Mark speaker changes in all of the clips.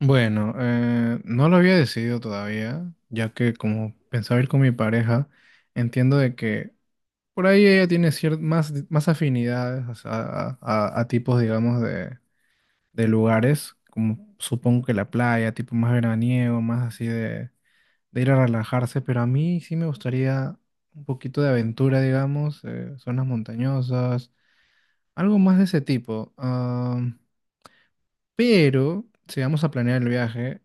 Speaker 1: Bueno, no lo había decidido todavía, ya que como pensaba ir con mi pareja, entiendo de que por ahí ella tiene más, más afinidades, o sea, a tipos, digamos, de lugares, como supongo que la playa, tipo más veraniego, más así de ir a relajarse, pero a mí sí me gustaría un poquito de aventura, digamos, zonas montañosas, algo más de ese tipo. Pero si vamos a planear el viaje,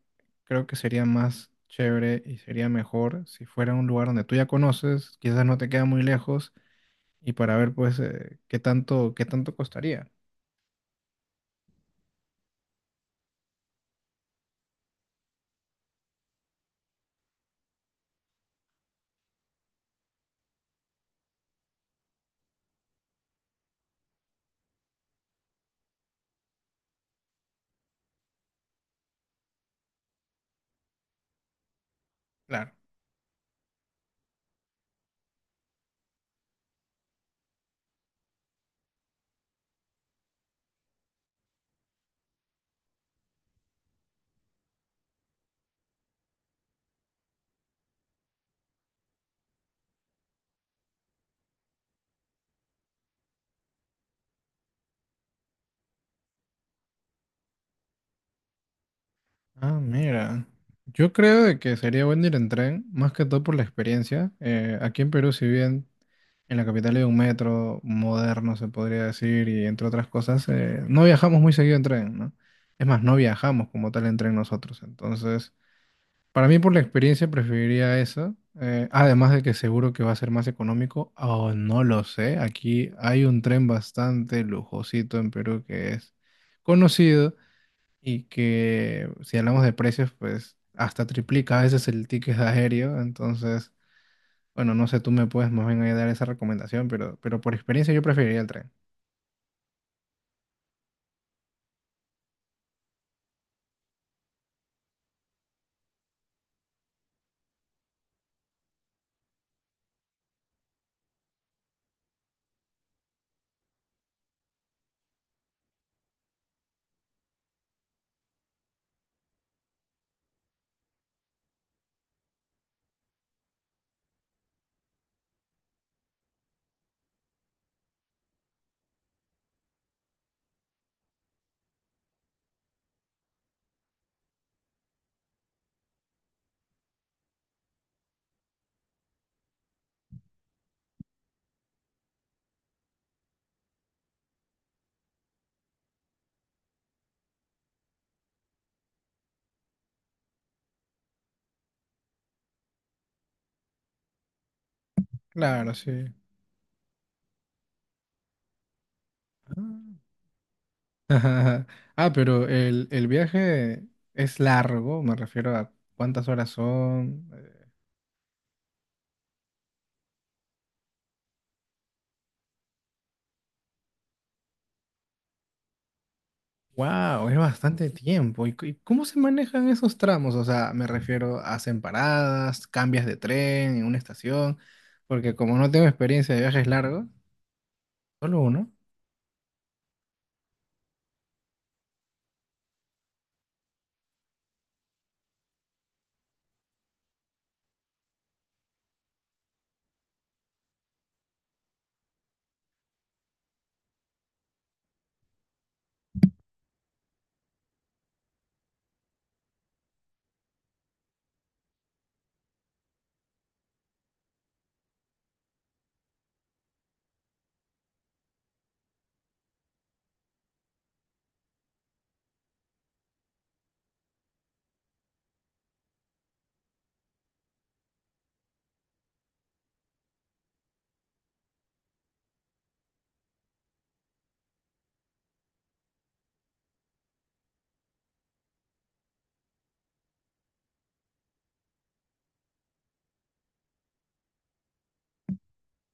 Speaker 1: creo que sería más chévere y sería mejor si fuera un lugar donde tú ya conoces, quizás no te queda muy lejos, y para ver pues qué tanto costaría. Claro. Ah, mira. Yo creo de que sería bueno ir en tren, más que todo por la experiencia. Aquí en Perú, si bien en la capital hay un metro moderno, se podría decir, y entre otras cosas, no viajamos muy seguido en tren, ¿no? Es más, no viajamos como tal en tren nosotros. Entonces, para mí, por la experiencia, preferiría eso. Además de que seguro que va a ser más económico, o no lo sé. Aquí hay un tren bastante lujosito en Perú que es conocido y que, si hablamos de precios, pues hasta triplica a veces el ticket aéreo. Entonces, bueno, no sé, tú me puedes más bien ahí dar esa recomendación, pero por experiencia yo preferiría el tren. Claro, sí. Ah, ah, pero el viaje es largo, me refiero a cuántas horas son. Wow, es bastante tiempo. ¿Y y cómo se manejan esos tramos? O sea, me refiero, ¿hacen paradas, cambias de tren en una estación, porque como no tengo experiencia de viajes largos, solo uno?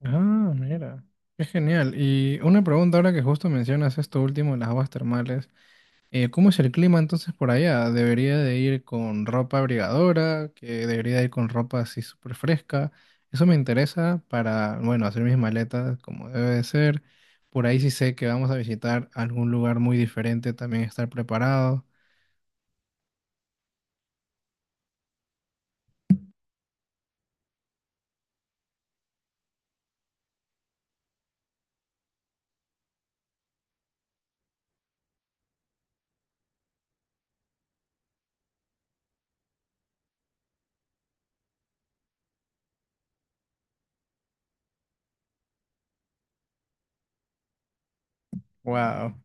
Speaker 1: Ah, mira, qué genial. Y una pregunta ahora que justo mencionas esto último, las aguas termales. ¿Cómo es el clima entonces por allá? ¿Debería de ir con ropa abrigadora? ¿Que debería de ir con ropa así súper fresca? Eso me interesa para, bueno, hacer mis maletas como debe de ser. Por ahí sí sé que vamos a visitar algún lugar muy diferente, también estar preparado. Wow.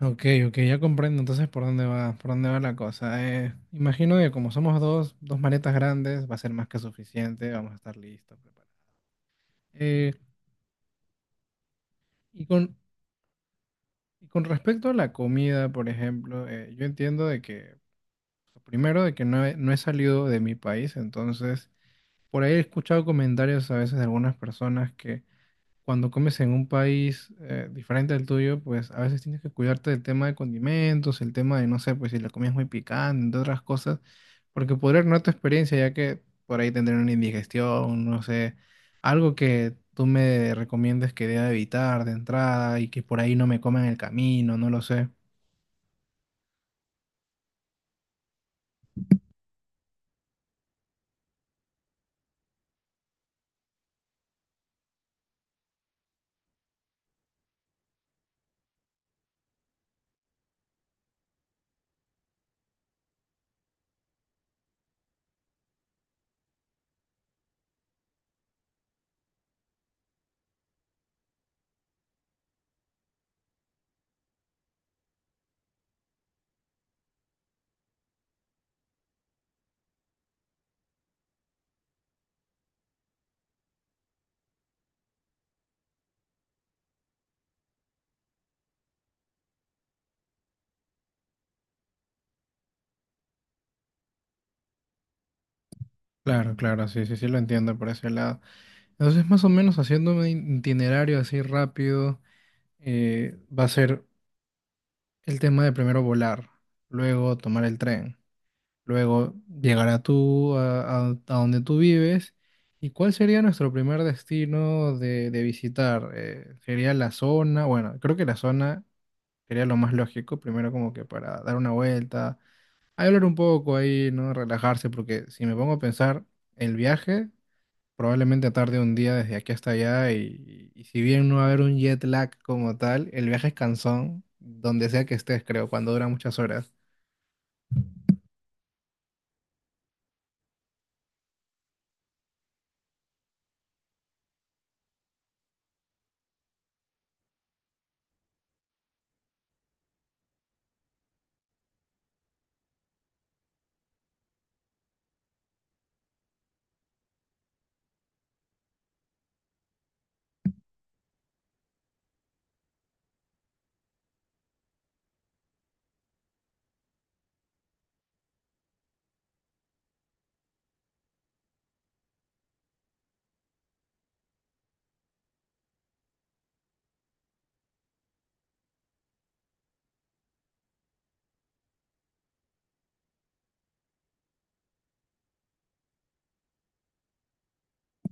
Speaker 1: Ok, ok, ya comprendo entonces por dónde va la cosa. Imagino que como somos dos, dos maletas grandes, va a ser más que suficiente, vamos a estar listos, preparados. Eh, y con y con respecto a la comida, por ejemplo, yo entiendo de que, primero, de que no he salido de mi país, entonces, por ahí he escuchado comentarios a veces de algunas personas que cuando comes en un país diferente al tuyo, pues a veces tienes que cuidarte del tema de condimentos, el tema de, no sé, pues si la comida es muy picante, entre otras cosas, porque podría no tu experiencia, ya que por ahí tendré una indigestión, no sé, algo que tú me recomiendes que deba evitar de entrada y que por ahí no me coma en el camino, no lo sé. Claro, claro, sí, sí, sí lo entiendo por ese lado. Entonces, más o menos haciendo un itinerario así rápido, va a ser el tema de primero volar, luego tomar el tren, luego llegar a a donde tú vives. ¿Y cuál sería nuestro primer destino de visitar? ¿Sería la zona? Bueno, creo que la zona sería lo más lógico, primero como que para dar una vuelta, hablar un poco ahí, ¿no? Relajarse, porque si me pongo a pensar, el viaje probablemente tarde un día desde aquí hasta allá y si bien no va a haber un jet lag como tal, el viaje es cansón, donde sea que estés, creo, cuando dura muchas horas.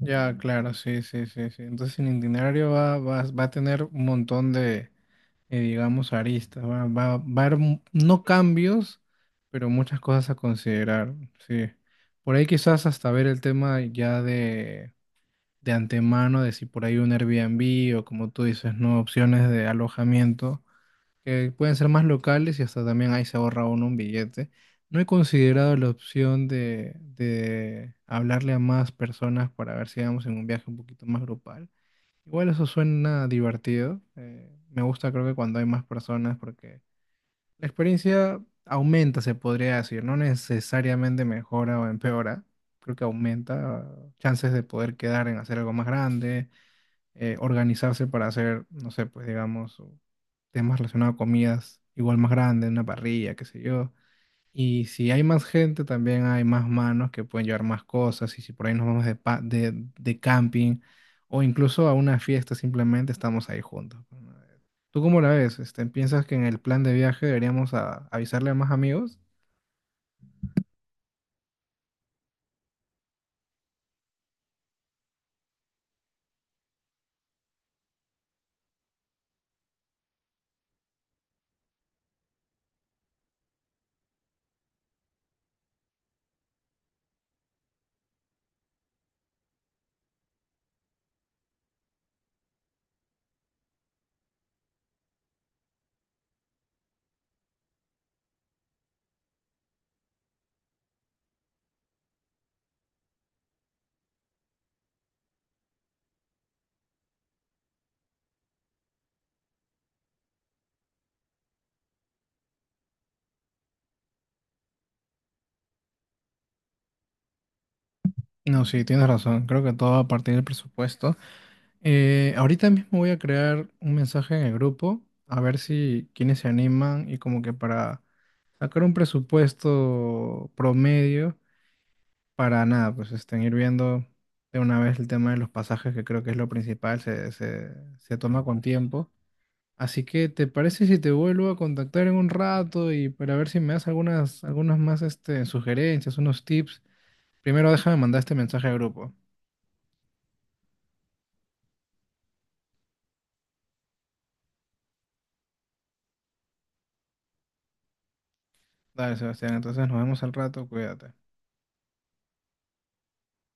Speaker 1: Ya, claro, sí, sí, sí, sí. Entonces el itinerario va a tener un montón de, digamos, aristas. Va a haber no cambios, pero muchas cosas a considerar, sí. Por ahí quizás hasta ver el tema ya de antemano, de si por ahí un Airbnb o como tú dices, no, opciones de alojamiento que pueden ser más locales y hasta también ahí se ahorra uno un billete. No he considerado la opción de hablarle a más personas para ver si vamos en un viaje un poquito más grupal. Igual eso suena divertido. Me gusta, creo que cuando hay más personas, porque la experiencia aumenta, se podría decir. No necesariamente mejora o empeora. Creo que aumenta chances de poder quedar en hacer algo más grande, organizarse para hacer, no sé, pues digamos, temas relacionados a comidas igual más grandes, una parrilla, qué sé yo. Y si hay más gente, también hay más manos que pueden llevar más cosas. Y si por ahí nos vamos de camping o incluso a una fiesta, simplemente estamos ahí juntos, ¿no? ¿Tú cómo la ves? Este, ¿piensas que en el plan de viaje deberíamos avisarle a más amigos? No, sí, tienes razón. Creo que todo va a partir del presupuesto. Ahorita mismo voy a crear un mensaje en el grupo, a ver si quienes se animan y como que para sacar un presupuesto promedio para nada, pues estén ir viendo de una vez el tema de los pasajes, que creo que es lo principal, se toma con tiempo. Así que, ¿te parece si te vuelvo a contactar en un rato y para ver si me das algunas, algunas más este, sugerencias, unos tips? Primero déjame mandar este mensaje al grupo. Dale, Sebastián, entonces nos vemos al rato, cuídate.